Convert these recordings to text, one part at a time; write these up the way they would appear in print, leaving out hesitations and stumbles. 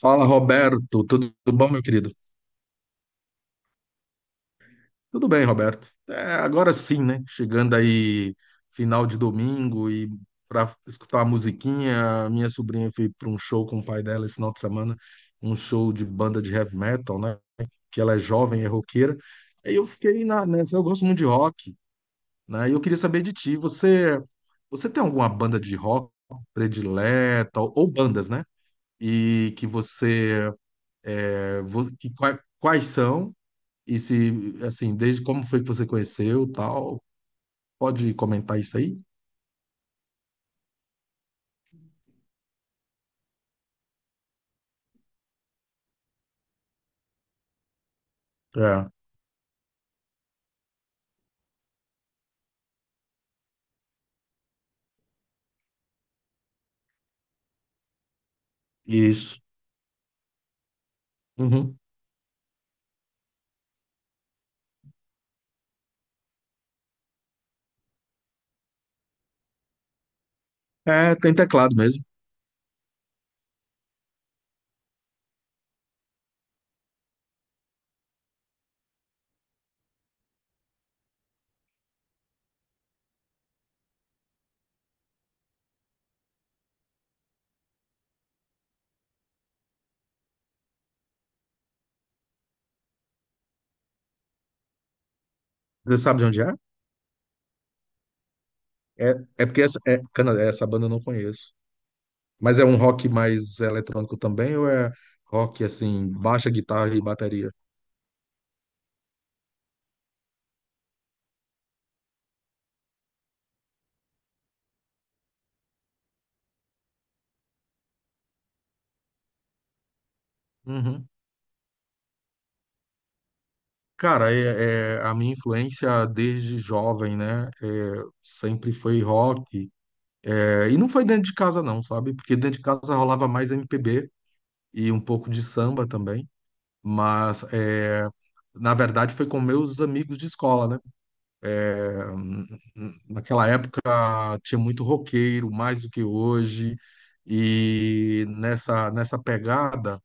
Fala, Roberto. Tudo bom, meu querido? Tudo bem, Roberto. É, agora sim, né? Chegando aí final de domingo e para escutar a musiquinha, a minha sobrinha foi para um show com o pai dela esse final de semana, um show de banda de heavy metal, né? Que ela é jovem, é roqueira. Aí eu fiquei eu gosto muito de rock, né? E eu queria saber de ti, você tem alguma banda de rock predileta ou bandas, né? E que você quais são? E se, assim, desde como foi que você conheceu, tal, pode comentar isso aí? É, isso. Uhum. É, tem teclado mesmo. Você sabe de onde é? É, é porque essa, é, cana- é, essa banda eu não conheço. Mas é um rock mais eletrônico também, ou é rock, assim, baixa guitarra e bateria? Uhum. Cara, a minha influência desde jovem, né? É, sempre foi rock. É, e não foi dentro de casa, não, sabe? Porque dentro de casa rolava mais MPB e um pouco de samba também. Mas, é, na verdade, foi com meus amigos de escola, né? É, naquela época tinha muito roqueiro, mais do que hoje, e nessa pegada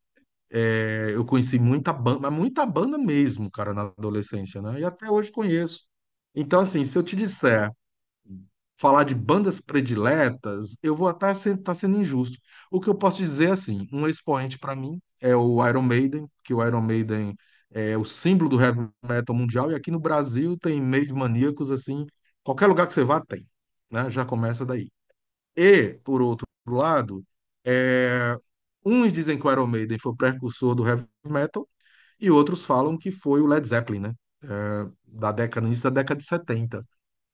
é, eu conheci muita banda, mas muita banda mesmo, cara, na adolescência, né? E até hoje conheço. Então, assim, se eu te disser falar de bandas prediletas, eu vou até estar sendo injusto. O que eu posso dizer, é assim, um expoente para mim é o Iron Maiden, que o Iron Maiden é o símbolo do heavy metal mundial, e aqui no Brasil tem meio de maníacos, assim, qualquer lugar que você vá tem, né? Já começa daí. E, por outro lado, é, uns dizem que o Iron Maiden foi o precursor do heavy metal, e outros falam que foi o Led Zeppelin, né? Início da década de 70.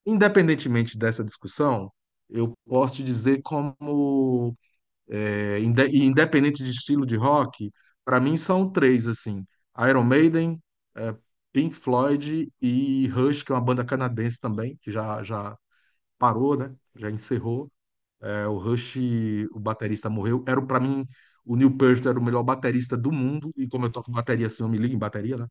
Independentemente dessa discussão, eu posso te dizer como, independente de estilo de rock, para mim são três, assim, Iron Maiden, é, Pink Floyd e Rush, que é uma banda canadense também, que já parou, né? Já encerrou. É, o Rush, o baterista morreu. Era, para mim, o Neil Peart era o melhor baterista do mundo, e como eu toco bateria, assim, eu me ligo em bateria, né?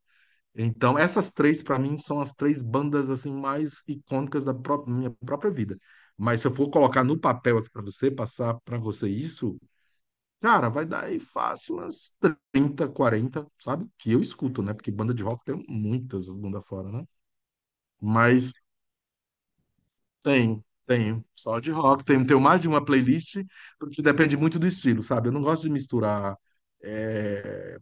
Então, essas três, para mim, são as três bandas assim mais icônicas da minha própria vida. Mas se eu for colocar no papel aqui para você, passar para você isso, cara, vai dar aí fácil umas 30 40, sabe? Que eu escuto, né? Porque banda de rock tem muitas bunda fora, né? Mas tem, tem. Só de rock, tem, tem mais de uma playlist, porque depende muito do estilo, sabe? Eu não gosto de misturar. eh,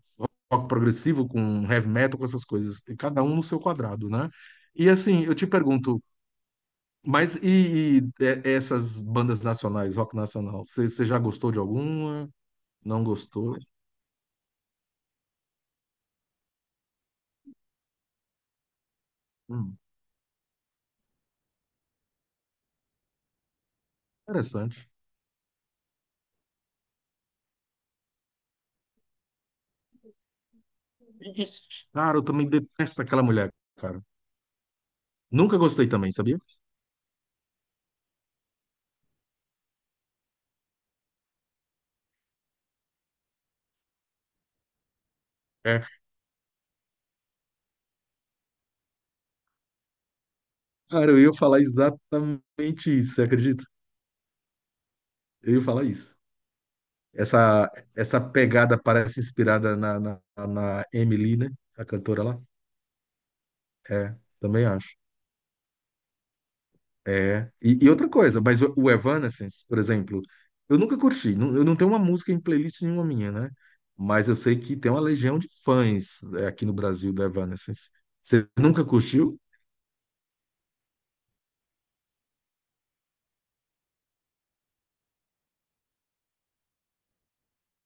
Rock progressivo, com heavy metal, com essas coisas, e cada um no seu quadrado, né? E assim, eu te pergunto, essas bandas nacionais, rock nacional, você já gostou de alguma? Não gostou? Hum, interessante. Cara, eu também detesto aquela mulher, cara. Nunca gostei também, sabia? É. Cara, eu ia falar exatamente isso, você acredita? Eu ia falar isso. Essa pegada parece inspirada na Emily, né? A cantora lá. É, também acho. É. E outra coisa, mas o Evanescence, por exemplo, eu nunca curti. Eu não tenho uma música em playlist nenhuma minha, né? Mas eu sei que tem uma legião de fãs é, aqui no Brasil do Evanescence. Você nunca curtiu?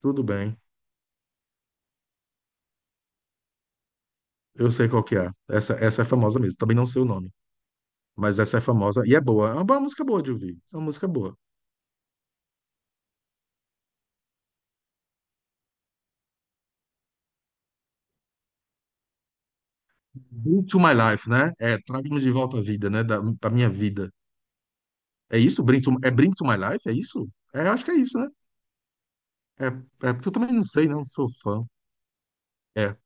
Tudo bem. Eu sei qual que é. Essa é famosa mesmo. Também não sei o nome. Mas essa é famosa e é boa. Boa música boa de ouvir. É uma música boa. Bring to My Life, né? É, traga-me de volta à vida, né? Da minha vida. É isso? Bring to My Life? É isso? É, eu acho que é isso, né? É, é porque eu também não sei, não sou fã. É,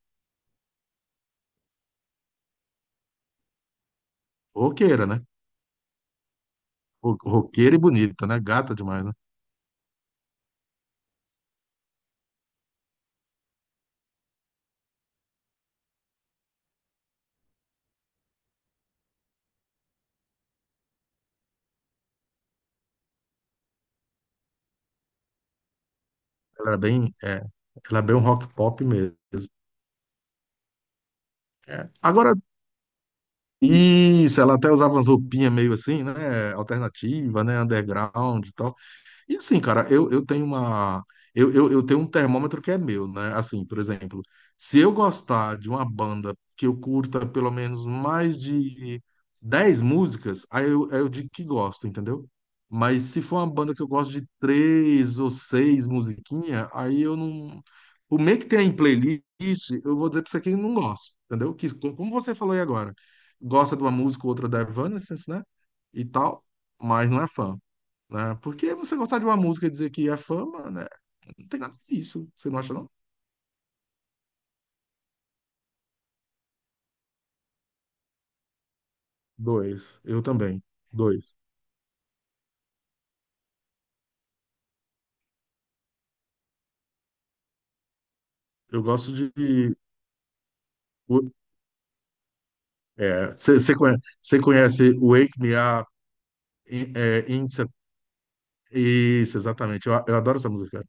roqueira, né? Roqueira e bonita, né? Gata demais, né? Ela era bem, é, Ela é bem um rock pop mesmo. É, agora, isso, ela até usava umas roupinhas meio assim, né? Alternativa, né? Underground e tal. E assim, cara, eu tenho uma. Eu tenho um termômetro que é meu, né? Assim, por exemplo, se eu gostar de uma banda que eu curta pelo menos mais de 10 músicas, aí eu digo que gosto, entendeu? Mas se for uma banda que eu gosto de três ou seis musiquinhas, aí eu não. O meio que tem em playlist, eu vou dizer pra você que eu não gosto, entendeu? Que, como você falou aí agora, gosta de uma música ou outra da Evanescence, né? E tal, mas não é fã, né? Porque você gostar de uma música e dizer que é fama, né? Não tem nada disso. Você não acha, não? Dois. Eu também. Dois. Eu gosto de. o- É, você conhece Wake Me Up in, é, in Sep- isso, exatamente. Eu adoro essa música.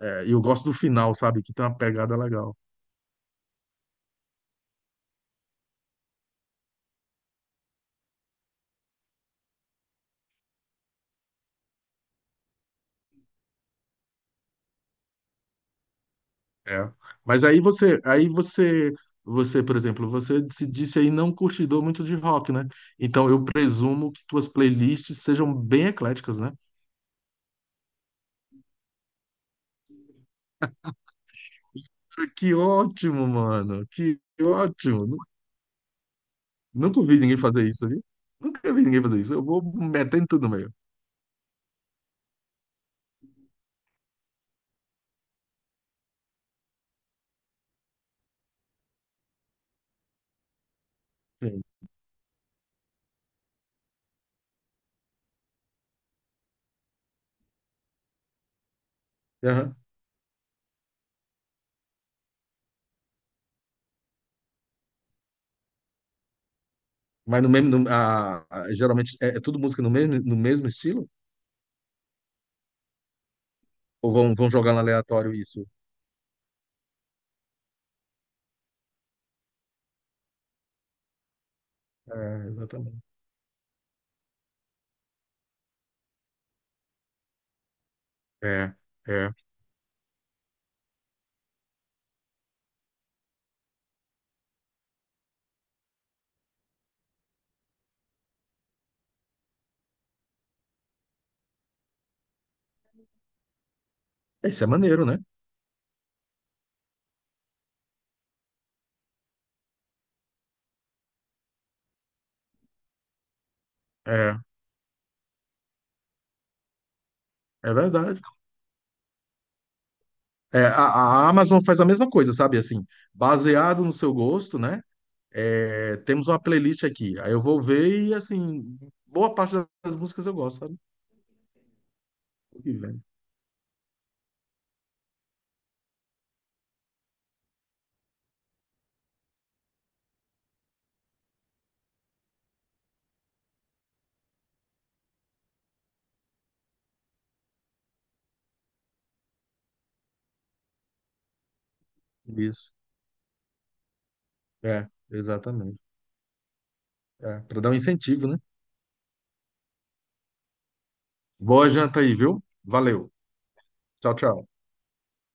É, e eu gosto do final, sabe? Que tem uma pegada legal. É. Mas aí você, aí você, você, por exemplo, você se disse aí não curtidor muito de rock, né? Então eu presumo que tuas playlists sejam bem ecléticas, né? Que ótimo, mano. Que ótimo. Nunca vi ninguém fazer isso, viu? Nunca vi ninguém fazer isso. Eu vou metendo tudo no meio. Sim. Aham. Mas no mesmo, no- a- Geralmente é, é tudo música no mesmo estilo? Ou vão jogando aleatório isso? É, exatamente. É, é. Isso é maneiro, né? É, é verdade. É, a, a Amazon faz a mesma coisa, sabe? Assim, baseado no seu gosto, né? É, temos uma playlist aqui. Aí eu vou ver e, assim, boa parte das músicas eu gosto, sabe? Isso. É, exatamente. É, para dar um incentivo, né? Boa janta aí, viu? Valeu. Tchau, tchau.